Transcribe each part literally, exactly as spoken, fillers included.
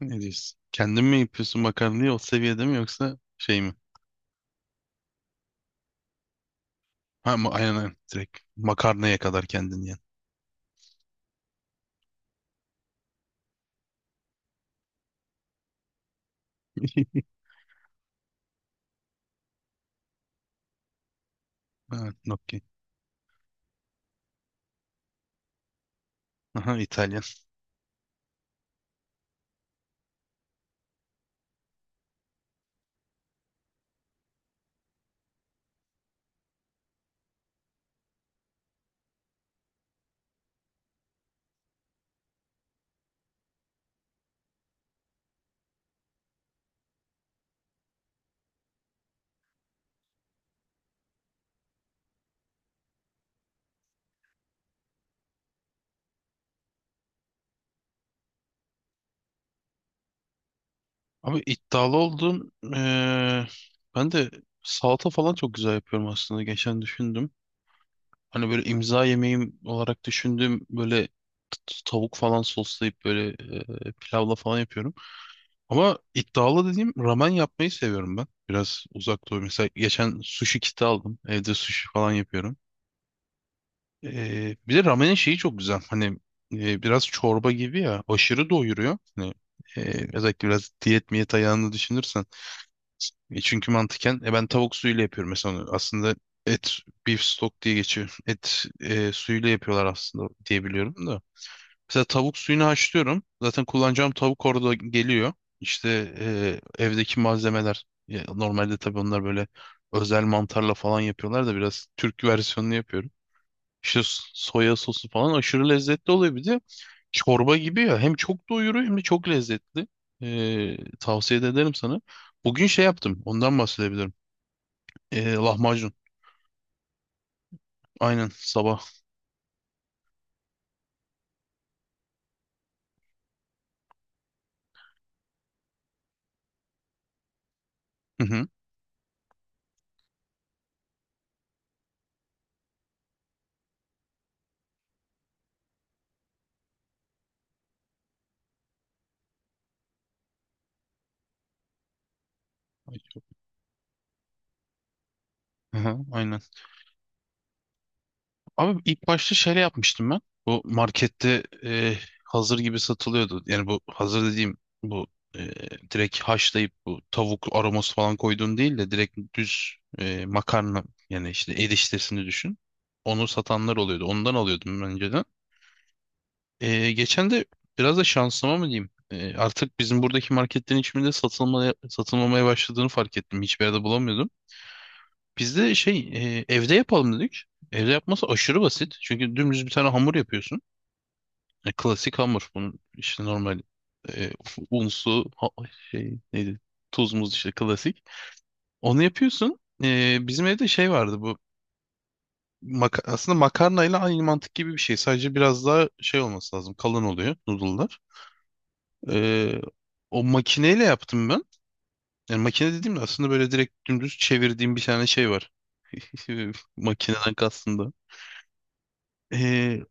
Ne diyorsun? Kendin mi yapıyorsun makarnayı o seviyede mi yoksa şey mi? Ha ama aynen aynen. Direkt makarnaya kadar kendin yiyen. Evet, okey. Aha İtalyan. Abi iddialı oldun. Ee, ben de salata falan çok güzel yapıyorum aslında. Geçen düşündüm. Hani böyle imza yemeğim olarak düşündüğüm böyle t- t- tavuk falan soslayıp böyle e, pilavla falan yapıyorum. Ama iddialı dediğim ramen yapmayı seviyorum ben. Biraz uzak doğu. Mesela geçen sushi kiti aldım. Evde sushi falan yapıyorum. Ee, bir de ramenin şeyi çok güzel. Hani e, biraz çorba gibi ya. Aşırı doyuruyor. Hani, e, özellikle biraz diyet miyet ayağını düşünürsen. E, çünkü mantıken e, ben tavuk suyuyla yapıyorum mesela, onu. Aslında et beef stock diye geçiyor. Et e, suyuyla yapıyorlar aslında diye biliyorum da. Mesela tavuk suyunu haşlıyorum. Zaten kullanacağım tavuk orada geliyor. İşte e, evdeki malzemeler. Ya, normalde tabii onlar böyle özel mantarla falan yapıyorlar da biraz Türk versiyonunu yapıyorum. İşte s- soya sosu falan aşırı lezzetli oluyor. Bir de çorba gibi ya. Hem çok doyuruyor hem de çok lezzetli. Ee, tavsiye de ederim sana. Bugün şey yaptım. Ondan bahsedebilirim. Ee, lahmacun. Aynen sabah. Hı hı. Hı hı, aynen. Abi ilk başta şöyle yapmıştım ben. Bu markette e, hazır gibi satılıyordu. Yani bu hazır dediğim bu e, direkt haşlayıp bu tavuk aroması falan koyduğun değil de direkt düz e, makarna, yani işte eriştesini düşün. Onu satanlar oluyordu. Ondan alıyordum ben önceden. E, geçen de biraz da şansıma mı diyeyim? E, artık bizim buradaki marketlerin hiçbirinde satılmaya, satılmamaya başladığını fark ettim. Hiçbir yerde bulamıyordum. Biz de şey, e, evde yapalım dedik. Evde yapması aşırı basit. Çünkü dümdüz bir tane hamur yapıyorsun. E, klasik hamur. Bunun işte normal e, un, su, ha- şey neydi? Tuz, muz işte klasik. Onu yapıyorsun. E, bizim evde şey vardı bu. Maka aslında makarnayla aynı mantık gibi bir şey. Sadece biraz daha şey olması lazım. Kalın oluyor noodle'lar. E, O makineyle yaptım ben. Yani makine dediğimde aslında böyle direkt dümdüz çevirdiğim bir tane şey var. Makineden kastım da. E,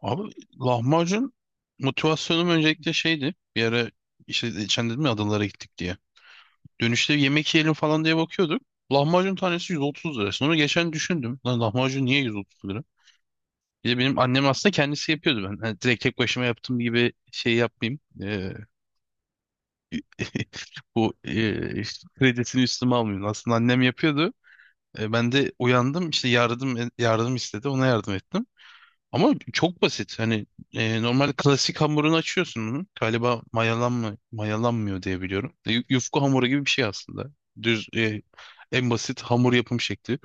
abi lahmacun motivasyonum öncelikle şeydi. Bir ara işte geçen dedim ya adalara gittik diye. Dönüşte yemek yiyelim falan diye bakıyorduk. Lahmacun tanesi yüz otuz lira. Sonra geçen düşündüm. Lan lahmacun niye yüz otuz lira? Bir de benim annem aslında kendisi yapıyordu ben. Hani direkt tek başıma yaptığım gibi şey yapmayayım. Ee, bu e, işte kredisini üstüme almayayım. Aslında annem yapıyordu. E, ben de uyandım, işte yardım yardım istedi. Ona yardım ettim. Ama çok basit. Hani e, normal klasik hamurunu açıyorsun bunun. Galiba mayalanma, mayalanmıyor diye biliyorum. Y- yufka hamuru gibi bir şey aslında. Düz e, en basit hamur yapım şekli.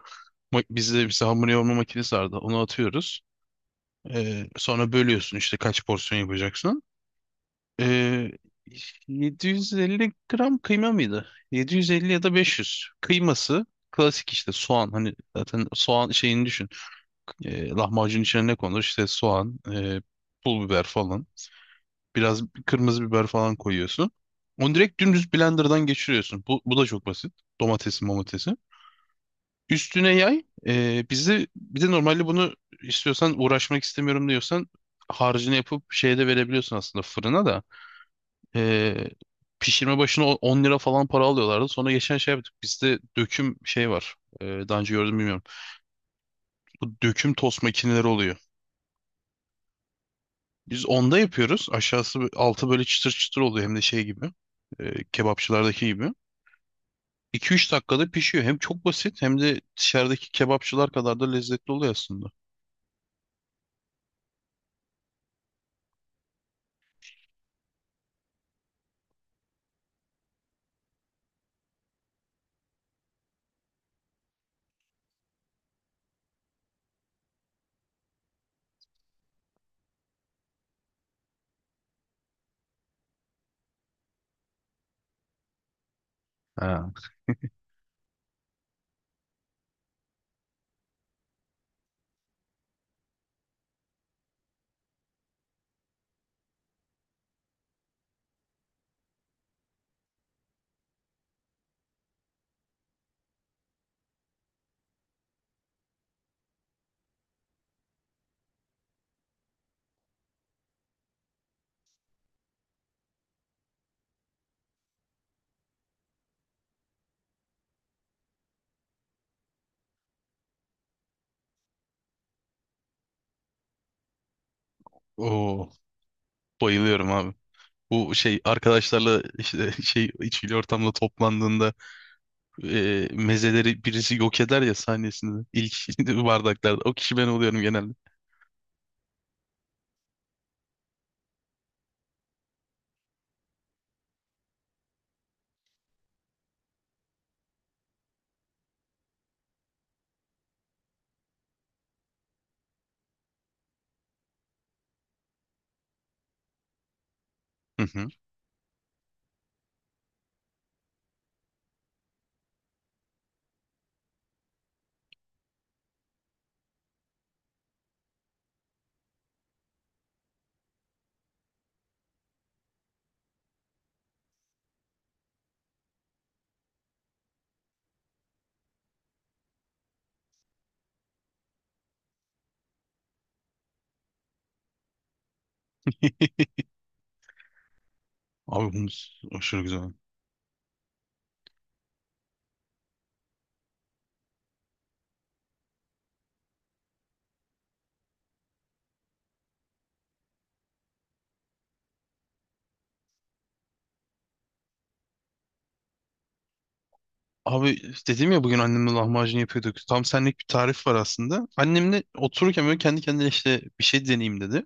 Ma- Bizde mesela hamur yoğurma makinesi vardı. Onu atıyoruz. E, sonra bölüyorsun işte kaç porsiyon yapacaksın. E, yedi yüz elli gram kıyma mıydı? yedi yüz elli ya da beş yüz. Kıyması klasik işte soğan. Hani zaten soğan şeyini düşün. E, lahmacun içine ne konur? İşte soğan, e, pul biber falan. Biraz kırmızı biber falan koyuyorsun. Onu direkt dümdüz blenderdan geçiriyorsun. Bu, bu da çok basit. Domatesi, domatesi. Üstüne yay. E, bizi, bir de normalde bunu istiyorsan, uğraşmak istemiyorum diyorsan, harcını yapıp şeyde verebiliyorsun aslında, fırına da. E, pişirme başına o- on lira falan para alıyorlardı. Sonra geçen şey yaptık. Bizde döküm şey var. E, daha önce gördüm bilmiyorum. Bu döküm tost makineleri oluyor. Biz onda yapıyoruz. Aşağısı altı böyle çıtır çıtır oluyor, hem de şey gibi, e, kebapçılardaki gibi. iki üç dakikada pişiyor. Hem çok basit hem de dışarıdaki kebapçılar kadar da lezzetli oluyor aslında. Ha. Oo, bayılıyorum abi. Bu şey arkadaşlarla işte şey içkili ortamda toplandığında e, mezeleri birisi yok eder ya sahnesinde ilk bardaklarda. O kişi ben oluyorum genelde. Hı hı. Abi humus aşırı güzel. Abi dedim ya bugün annemle lahmacun yapıyorduk. Tam senlik bir tarif var aslında. Annemle otururken böyle kendi kendine işte bir şey deneyeyim dedi.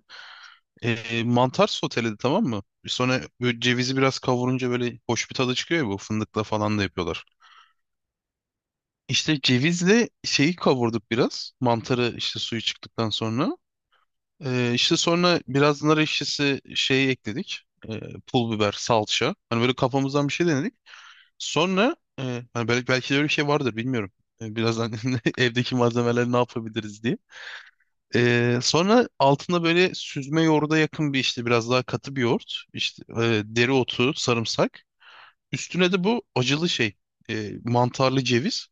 E, mantar soteledi, tamam mı? Sonra böyle cevizi biraz kavurunca böyle hoş bir tadı çıkıyor ya, bu fındıkla falan da yapıyorlar. İşte cevizle şeyi kavurduk biraz. Mantarı işte suyu çıktıktan sonra. E, işte sonra biraz nar ekşisi şeyi ekledik. E, pul biber, salça. Hani böyle kafamızdan bir şey denedik. Sonra e, hani belki, belki de öyle bir şey vardır bilmiyorum. E, birazdan evdeki malzemeleri ne yapabiliriz diye. Ee, sonra altında böyle süzme yoğurda yakın bir, işte biraz daha katı bir yoğurt. İşte e, dereotu, sarımsak. Üstüne de bu acılı şey, e, mantarlı ceviz.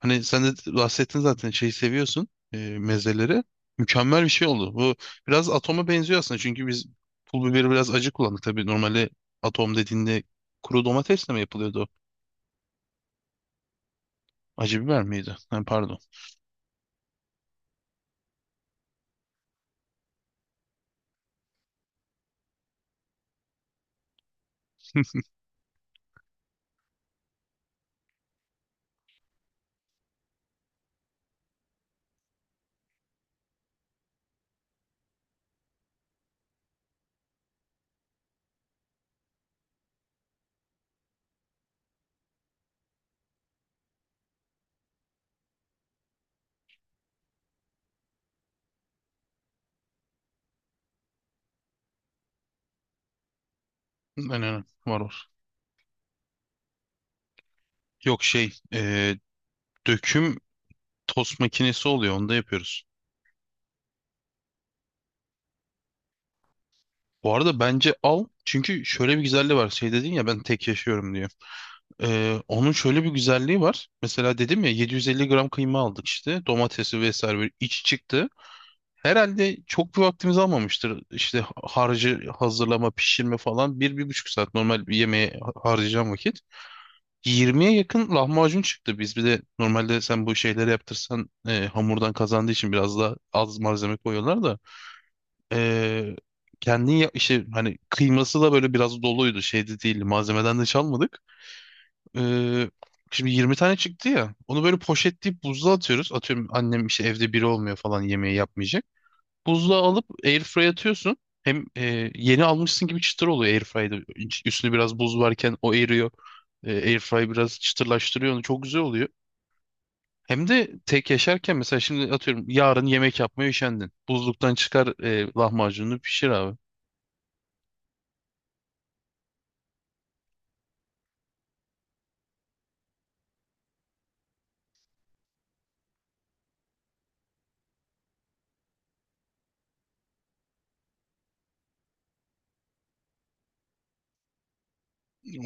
Hani sen de bahsettin zaten şeyi seviyorsun, e, mezeleri. Mükemmel bir şey oldu. Bu biraz atoma benziyor aslında. Çünkü biz pul biberi biraz acı kullandık. Tabii normalde atom dediğinde kuru domatesle mi yapılıyordu, o? Acı biber miydi? Ha, pardon. Aynen aynen. var var. Yok şey, e, döküm tost makinesi oluyor. Onu da yapıyoruz. Bu arada bence al. Çünkü şöyle bir güzelliği var. Şey dedin ya, ben tek yaşıyorum diye. Ee, onun şöyle bir güzelliği var. Mesela dedim ya yedi yüz elli gram kıyma aldık işte. Domatesi vesaire böyle iç çıktı. Herhalde çok bir vaktimiz almamıştır. İşte harcı hazırlama, pişirme falan. Bir, bir buçuk saat normal bir yemeğe ha- harcayacağım vakit. Yirmiye yakın lahmacun çıktı. Biz bir de normalde sen bu şeyleri yaptırsan, e, hamurdan kazandığı için biraz daha az malzeme koyuyorlar da. Ee, Kendin ya işte, hani kıyması da böyle biraz doluydu şeyde değil, malzemeden de çalmadık. Ee, Şimdi yirmi tane çıktı ya, onu böyle poşetleyip buzluğa atıyoruz. Atıyorum annem işte evde, biri olmuyor falan, yemeği yapmayacak. Buzluğa alıp airfryer'a atıyorsun. Hem e, yeni almışsın gibi çıtır oluyor airfryer'da. İç- Üstünde biraz buz varken o eriyor. E, airfryer biraz çıtırlaştırıyor onu, çok güzel oluyor. Hem de tek yaşarken mesela, şimdi atıyorum yarın yemek yapmaya üşendin. Buzluktan çıkar, e, lahmacununu pişir abi.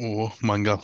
Oo manga.